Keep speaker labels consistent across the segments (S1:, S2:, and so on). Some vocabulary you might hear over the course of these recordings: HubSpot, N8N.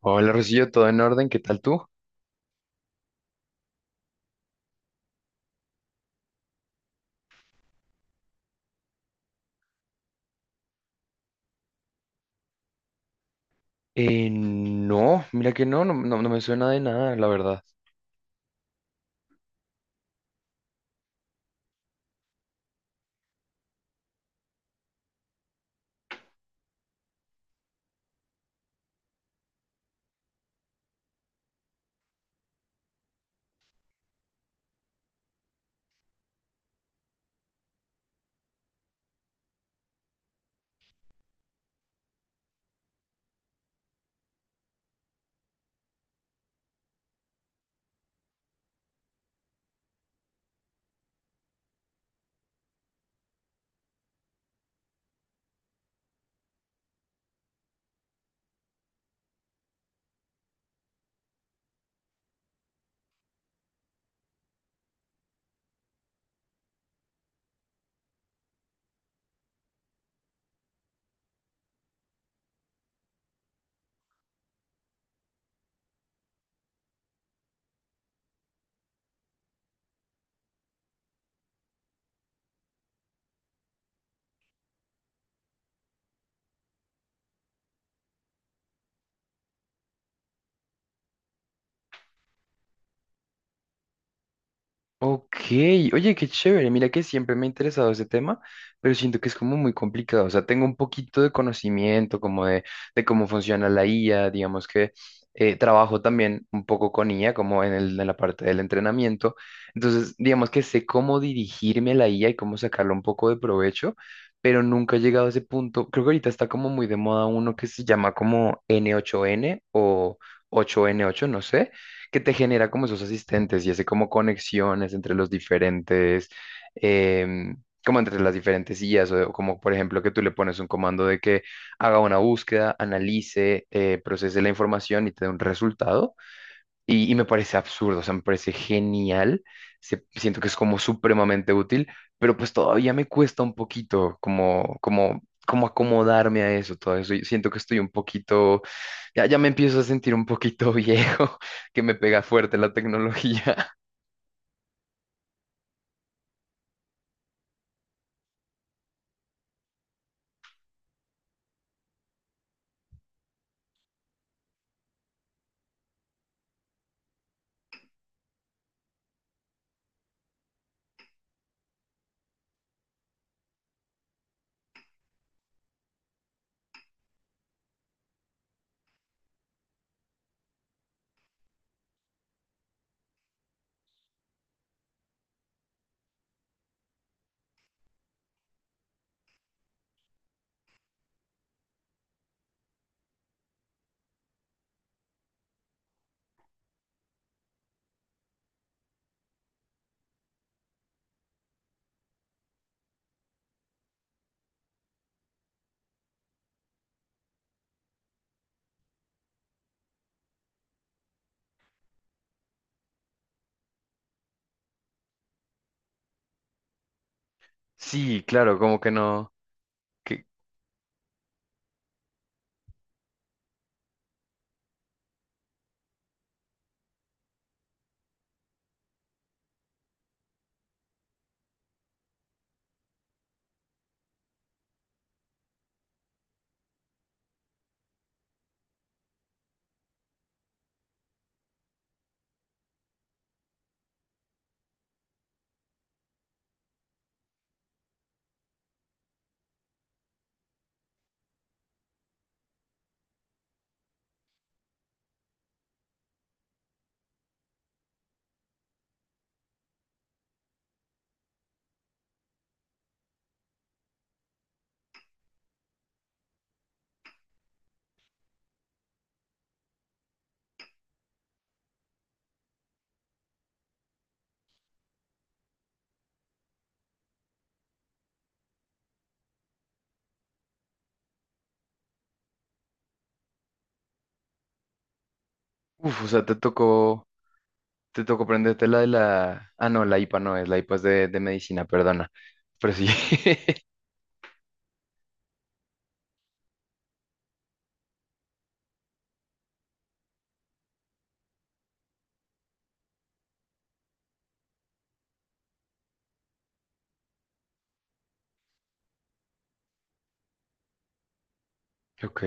S1: Hola, Rosillo, ¿todo en orden? ¿Qué tal tú? No, mira que no me suena de nada, la verdad. Ok, oye, qué chévere. Mira que siempre me ha interesado ese tema, pero siento que es como muy complicado. O sea, tengo un poquito de conocimiento de cómo funciona la IA, digamos que trabajo también un poco con IA, como en la parte del entrenamiento. Entonces, digamos que sé cómo dirigirme a la IA y cómo sacarle un poco de provecho, pero nunca he llegado a ese punto. Creo que ahorita está como muy de moda uno que se llama como N8N o 8N8, no sé, que te genera como esos asistentes y hace como conexiones entre los diferentes, em, como entre las diferentes IAs, o como por ejemplo que tú le pones un comando de que haga una búsqueda, analice, procese la información y te dé un resultado. Y me parece absurdo, o sea, me parece genial, siento que es como supremamente útil, pero pues todavía me cuesta un poquito como acomodarme a eso, todo eso. Y siento que estoy un poquito, ya me empiezo a sentir un poquito viejo, que me pega fuerte la tecnología. Sí, claro, como que no, que, Uff, o sea, te tocó prenderte la de la, ah, no, la IPA no es, la IPA es de medicina, perdona, pero sí. Ok,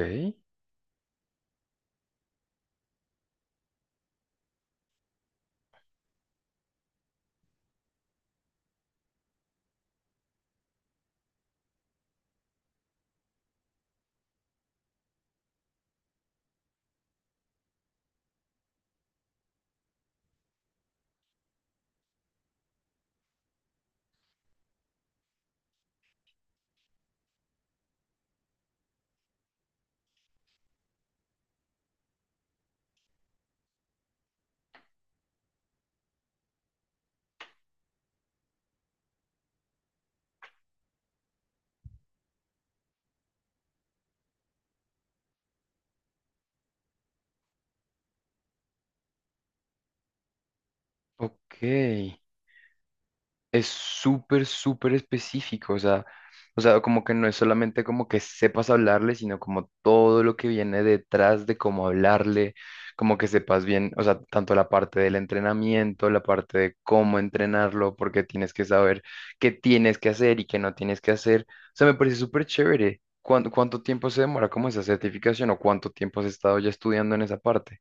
S1: ok. Es súper, súper específico, o sea, como que no es solamente como que sepas hablarle, sino como todo lo que viene detrás de cómo hablarle, como que sepas bien, o sea, tanto la parte del entrenamiento, la parte de cómo entrenarlo, porque tienes que saber qué tienes que hacer y qué no tienes que hacer. O sea, me parece súper chévere. Cuánto tiempo se demora como esa certificación o cuánto tiempo has estado ya estudiando en esa parte?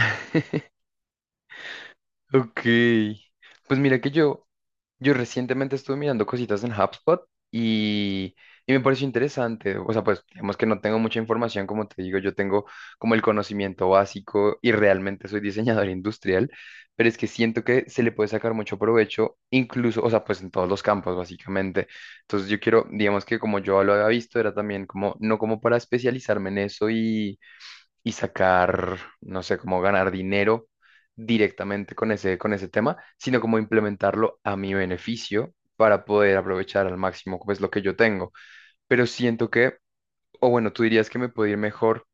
S1: Ok, pues mira que yo, yo recientemente estuve mirando cositas en HubSpot y, y me pareció interesante. O sea, pues digamos que no tengo mucha información, como te digo, yo tengo como el conocimiento básico y realmente soy diseñador industrial, pero es que siento que se le puede sacar mucho provecho, incluso, o sea, pues en todos los campos, básicamente. Entonces yo quiero, digamos que como yo lo había visto, era también como, no como para especializarme en eso y sacar, no sé, cómo ganar dinero directamente con ese tema, sino como implementarlo a mi beneficio para poder aprovechar al máximo pues lo que yo tengo. Pero siento que, o bueno, tú dirías que me puede ir mejor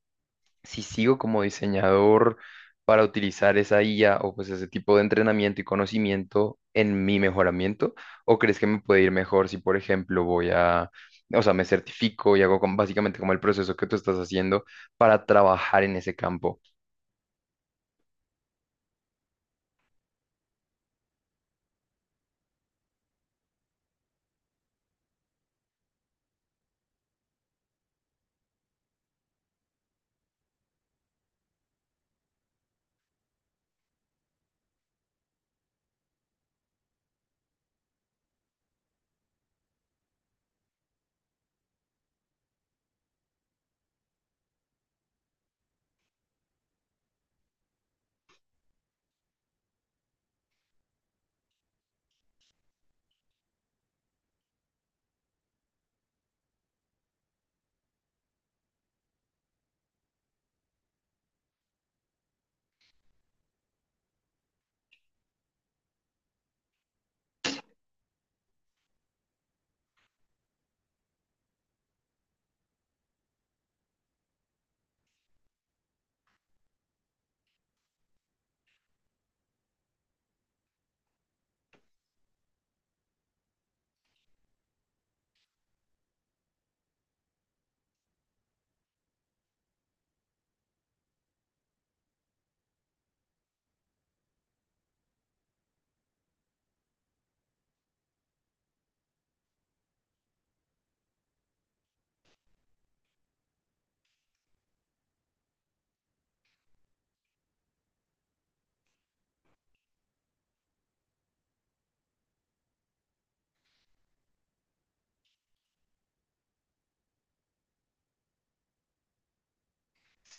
S1: si sigo como diseñador para utilizar esa IA o pues ese tipo de entrenamiento y conocimiento en mi mejoramiento, o crees que me puede ir mejor si, por ejemplo, o sea, me certifico y hago básicamente como el proceso que tú estás haciendo para trabajar en ese campo.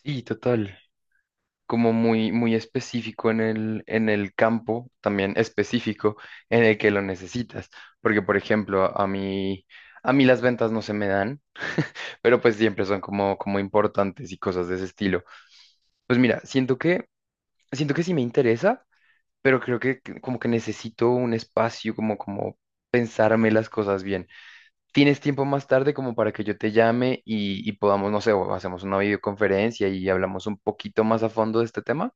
S1: Sí, total. Como muy, muy específico en en el campo, también específico en el que lo necesitas. Porque, por ejemplo, a mí las ventas no se me dan, pero pues siempre son como importantes y cosas de ese estilo. Pues mira, siento que sí me interesa, pero creo que como que necesito un espacio como pensarme las cosas bien. ¿Tienes tiempo más tarde como para que yo te llame y podamos, no sé, o hacemos una videoconferencia y hablamos un poquito más a fondo de este tema?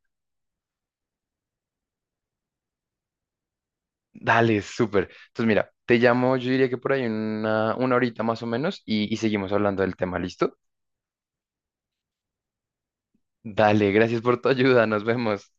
S1: Dale, súper. Entonces, mira, te llamo, yo diría que por ahí una horita más o menos y seguimos hablando del tema, ¿listo? Dale, gracias por tu ayuda, nos vemos.